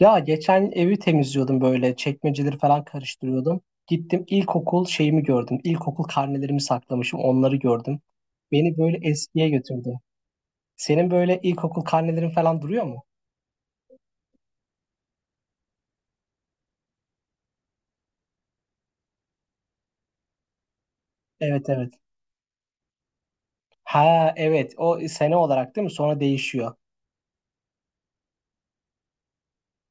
Ya geçen evi temizliyordum böyle çekmeceleri falan karıştırıyordum. Gittim ilkokul şeyimi gördüm. İlkokul karnelerimi saklamışım onları gördüm. Beni böyle eskiye götürdü. Senin böyle ilkokul karnelerin falan duruyor mu? Evet, evet. Ha evet, o sene olarak değil mi? Sonra değişiyor.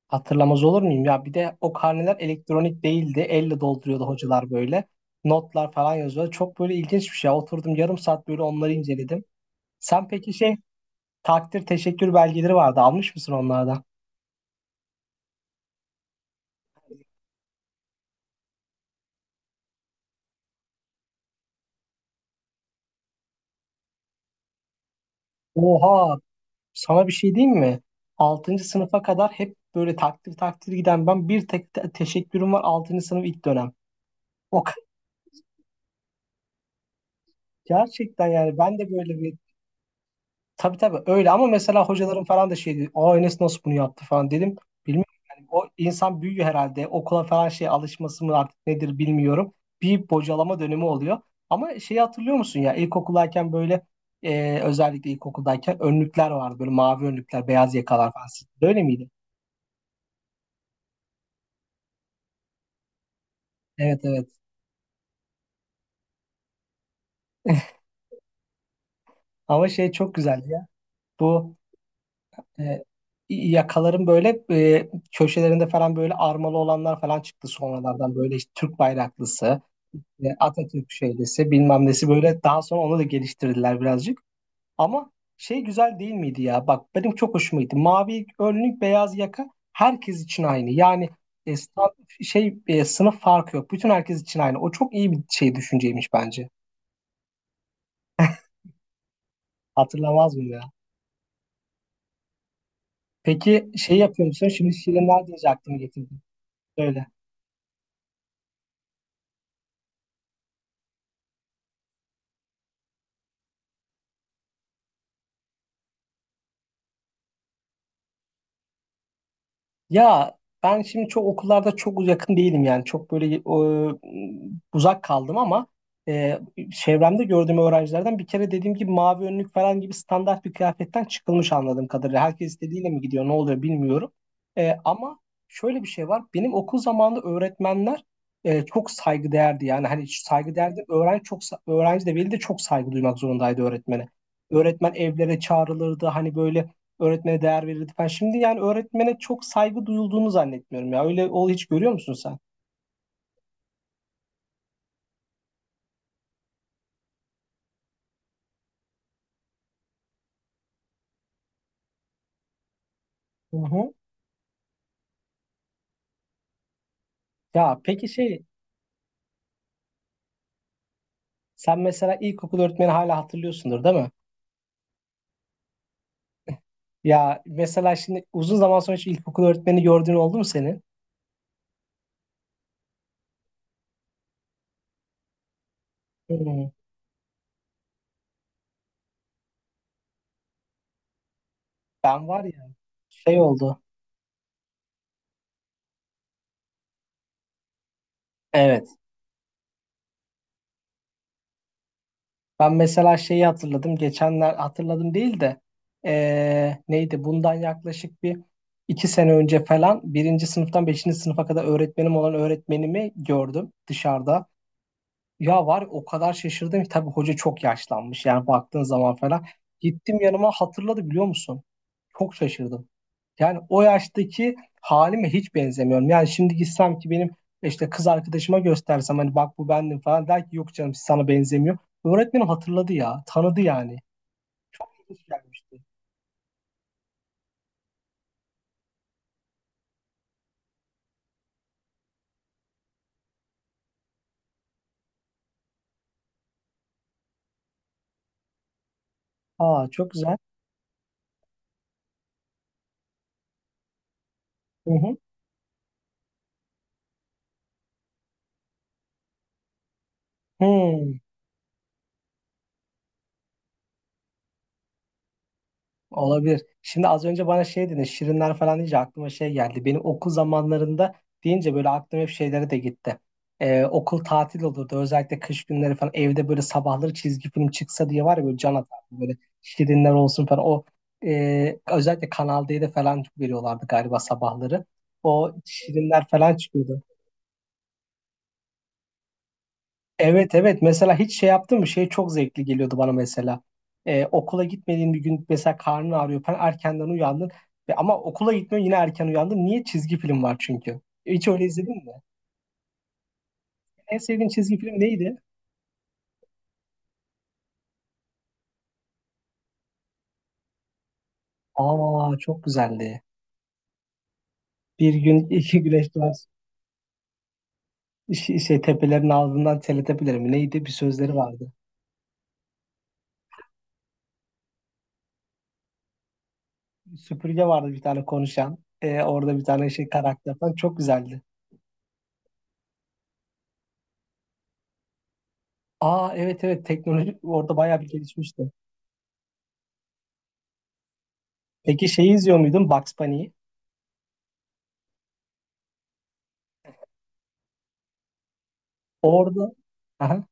Hatırlamaz olur muyum? Ya bir de o karneler elektronik değildi. Elle dolduruyordu hocalar böyle. Notlar falan yazıyordu. Çok böyle ilginç bir şey. Oturdum yarım saat böyle onları inceledim. Sen peki şey. Takdir teşekkür belgeleri vardı. Almış mısın onlardan? Oha, sana bir şey diyeyim mi? Altıncı sınıfa kadar hep böyle takdir giden ben bir tek teşekkürüm var altıncı sınıf ilk dönem. O ka- gerçekten yani ben de böyle bir. Tabii, öyle ama mesela hocalarım falan da şeydi. O Enes nasıl bunu yaptı falan dedim. Bilmiyorum yani o insan büyüyor herhalde. Okula falan şey alışması mı artık nedir bilmiyorum. Bir bocalama dönemi oluyor. Ama şeyi hatırlıyor musun ya ilkokuldayken böyle özellikle ilkokuldayken önlükler vardı. Böyle mavi önlükler, beyaz yakalar falan. Böyle miydi? Evet, evet. Ama şey çok güzeldi ya. Bu e, yakaların böyle köşelerinde falan böyle armalı olanlar falan çıktı sonralardan. Böyle işte Türk bayraklısı. Atatürk şöylesi bilmem nesi böyle daha sonra onu da geliştirdiler birazcık. Ama şey güzel değil miydi ya? Bak benim çok hoşuma gitti. Mavi önlük beyaz yaka herkes için aynı. Yani e, sta- sınıf farkı yok. Bütün herkes için aynı. O çok iyi bir şey düşünceymiş bence. Hatırlamaz mı ya? Peki şey yapıyor musun? Şimdi şirinler deyince aklıma getirdim. Söyle. Ya ben şimdi çok okullarda çok yakın değilim yani çok böyle uzak kaldım ama e, çevremde gördüğüm öğrencilerden bir kere dediğim gibi mavi önlük falan gibi standart bir kıyafetten çıkılmış anladığım kadarıyla. Herkes istediğiyle mi gidiyor ne oluyor bilmiyorum. Ama şöyle bir şey var benim okul zamanında öğretmenler çok saygıdeğerdi yani hani saygıdeğerdi öğrenci öğrenci de veli de çok saygı duymak zorundaydı öğretmene. Öğretmen evlere çağrılırdı hani böyle. Öğretmene değer verirdi falan. Şimdi yani öğretmene çok saygı duyulduğunu zannetmiyorum ya. Öyle ol hiç görüyor musun sen? Hı hı. Ya peki şey, sen mesela ilkokul öğretmeni hala hatırlıyorsundur değil mi? Ya mesela şimdi uzun zaman sonra hiç ilkokul öğretmeni gördüğün oldu mu senin? Hı. Ben var ya şey oldu. Evet. Ben mesela şeyi hatırladım. Geçenler hatırladım değil de neydi? Bundan yaklaşık bir iki sene önce falan birinci sınıftan beşinci sınıfa kadar öğretmenim olan öğretmenimi gördüm dışarıda. Ya var ya, o kadar şaşırdım ki tabii hoca çok yaşlanmış yani baktığın zaman falan. Gittim yanıma hatırladı biliyor musun? Çok şaşırdım. Yani o yaştaki halime hiç benzemiyorum. Yani şimdi gitsem ki benim işte kız arkadaşıma göstersem hani bak bu bendim falan der ki yok canım sana benzemiyor. Öğretmenim hatırladı ya tanıdı yani. İlginç gelmişti. Aa, çok güzel. Hı hı. Hı. Olabilir. Şimdi az önce bana şey dedin, şirinler falan deyince aklıma şey geldi. Benim okul zamanlarında deyince böyle aklım hep şeylere de gitti. Okul tatil olurdu. Özellikle kış günleri falan evde böyle sabahları çizgi film çıksa diye var ya böyle can atardım. Böyle şirinler olsun falan. O özellikle Kanal D'de falan veriyorlardı galiba sabahları. O şirinler falan çıkıyordu. Evet, evet, mesela hiç şey yaptın mı şey çok zevkli geliyordu bana mesela. Okula gitmediğin bir gün mesela karnın ağrıyor falan erkenden uyandın ve ama okula gitmiyorsun yine erken uyandın niye çizgi film var çünkü hiç öyle izledin mi en sevdiğin çizgi film neydi? Aa, çok güzeldi, bir gün iki güneş doğar. Şey, şey tepelerin ağzından teletepeleri mi neydi bir sözleri vardı. Süpürge vardı bir tane konuşan. Orada bir tane şey karakter falan çok güzeldi. Aa, evet, evet, teknoloji orada bayağı bir gelişmişti. Peki şeyi izliyor muydun Bugs Bunny'yi? Orada. Aha.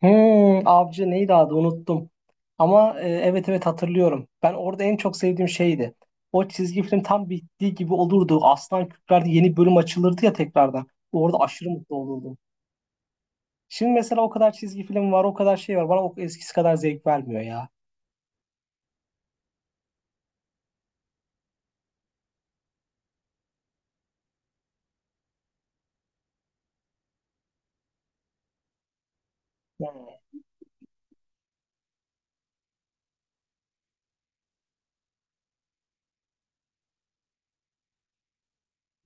Hmm, avcı neydi adı unuttum. Ama evet, evet, hatırlıyorum. Ben orada en çok sevdiğim şeydi. O çizgi film tam bittiği gibi olurdu. Aslan kükrerdi yeni bölüm açılırdı ya tekrardan. Orada aşırı mutlu olurdum. Şimdi mesela o kadar çizgi film var o kadar şey var. Bana o eskisi kadar zevk vermiyor ya. Hmm.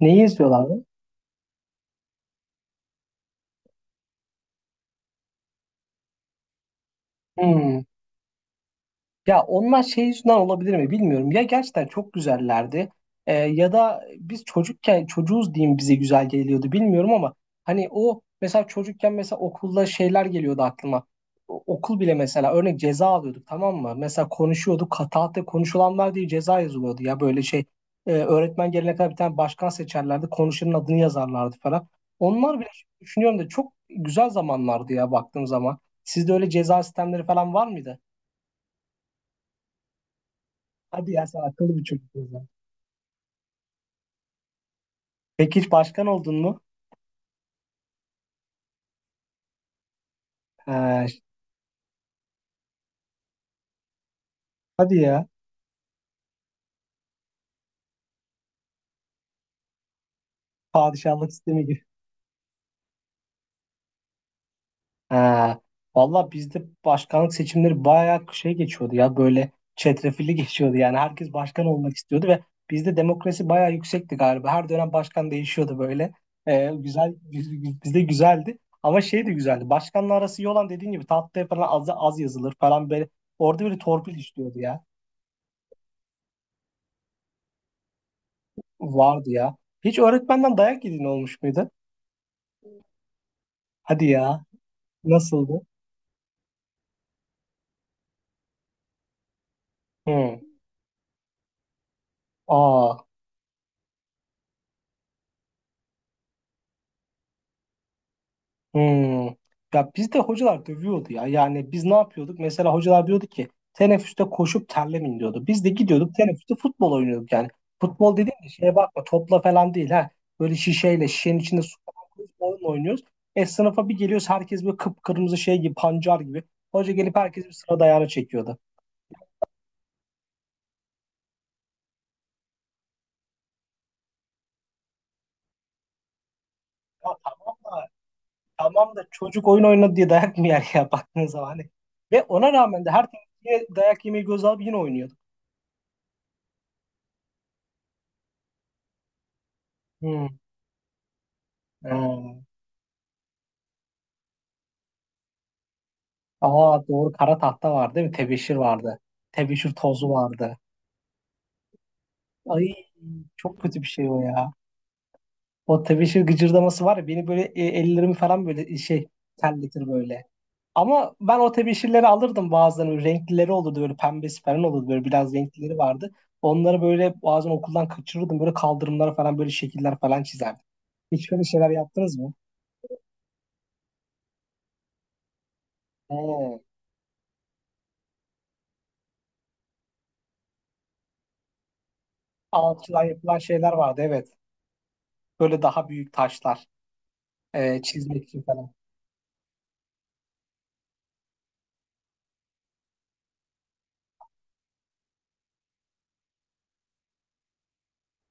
Neyi izliyorlardı? Hmm. Ya onlar şey yüzünden olabilir mi bilmiyorum. Ya gerçekten çok güzellerdi ya da biz çocukken çocuğuz diyeyim bize güzel geliyordu bilmiyorum ama hani o mesela çocukken mesela okulda şeyler geliyordu aklıma. Okul bile mesela örnek ceza alıyorduk tamam mı? Mesela konuşuyorduk kataate konuşulanlar diye ceza yazılıyordu ya böyle şey. Öğretmen gelene kadar bir tane başkan seçerlerdi konuşanın adını yazarlardı falan. Onlar bile düşünüyorum da çok güzel zamanlardı ya baktığım zaman. Sizde öyle ceza sistemleri falan var mıydı? Hadi ya, sen akıllı bir çocuk o zaman. Peki hiç başkan oldun mu? Ha, hadi ya. Padişahlık sistemi gibi. Ha, valla bizde başkanlık seçimleri bayağı şey geçiyordu ya böyle çetrefilli geçiyordu yani herkes başkan olmak istiyordu ve bizde demokrasi bayağı yüksekti galiba. Her dönem başkan değişiyordu böyle. Güzel bizde güzeldi. Ama şey de güzeldi. Başkanla arası iyi olan dediğin gibi tatlıya falan az, az yazılır falan böyle. Orada böyle torpil işliyordu ya. Vardı ya. Hiç öğretmenden dayak yediğin olmuş muydu? Hadi ya. Nasıldı? Hı. Aa. Hı. Ya bizde hocalar dövüyordu ya. Yani biz ne yapıyorduk? Mesela hocalar diyordu ki teneffüste koşup terlemin diyordu. Biz de gidiyorduk teneffüste futbol oynuyorduk yani. Futbol dediğim de şeye bakma topla falan değil ha. Böyle şişeyle şişenin içinde su falan koyup oyun oynuyoruz. E sınıfa bir geliyoruz herkes böyle kıpkırmızı şey gibi pancar gibi. Hoca gelip herkes bir sıra dayağını çekiyordu. Ya tamam da tamam da çocuk oyun oynadı diye dayak mı yer ya baktığınız zaman. Hani. Ve ona rağmen de her. Yine dayak yemeyi göz alıp yine oynuyor. Hmm. Hmm. Aa doğru, kara tahta vardı değil mi? Tebeşir vardı. Tebeşir tozu vardı. Ay, çok kötü bir şey o ya. O tebeşir gıcırdaması var ya beni böyle ellerimi falan böyle şey terletir böyle. Ama ben o tebeşirleri alırdım bazen. Böyle renklileri olurdu böyle pembesi falan olurdu böyle biraz renklileri vardı. Onları böyle bazen okuldan kaçırırdım. Böyle kaldırımlara falan böyle şekiller falan çizerdim. Hiç böyle şeyler yaptınız mı? Hmm. Alçıdan yapılan şeyler vardı evet. Böyle daha büyük taşlar. Çizmek için falan.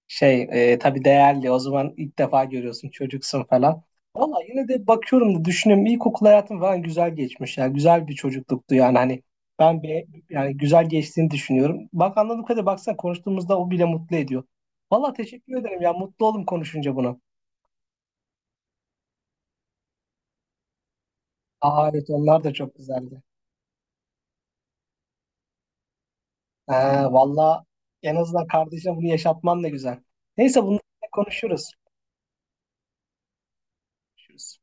Şey tabii değerli o zaman ilk defa görüyorsun çocuksun falan. Valla yine de bakıyorum da düşünüyorum ilkokul hayatım falan güzel geçmiş. Yani güzel bir çocukluktu yani hani ben yani güzel geçtiğini düşünüyorum. Bak anladığım kadarıyla baksana konuştuğumuzda o bile mutlu ediyor. Valla teşekkür ederim ya mutlu oldum konuşunca bunu. Aa, evet onlar da çok güzeldi. Ha, valla en azından kardeşine bunu yaşatman da güzel. Neyse bunları konuşuruz. Konuşuruz.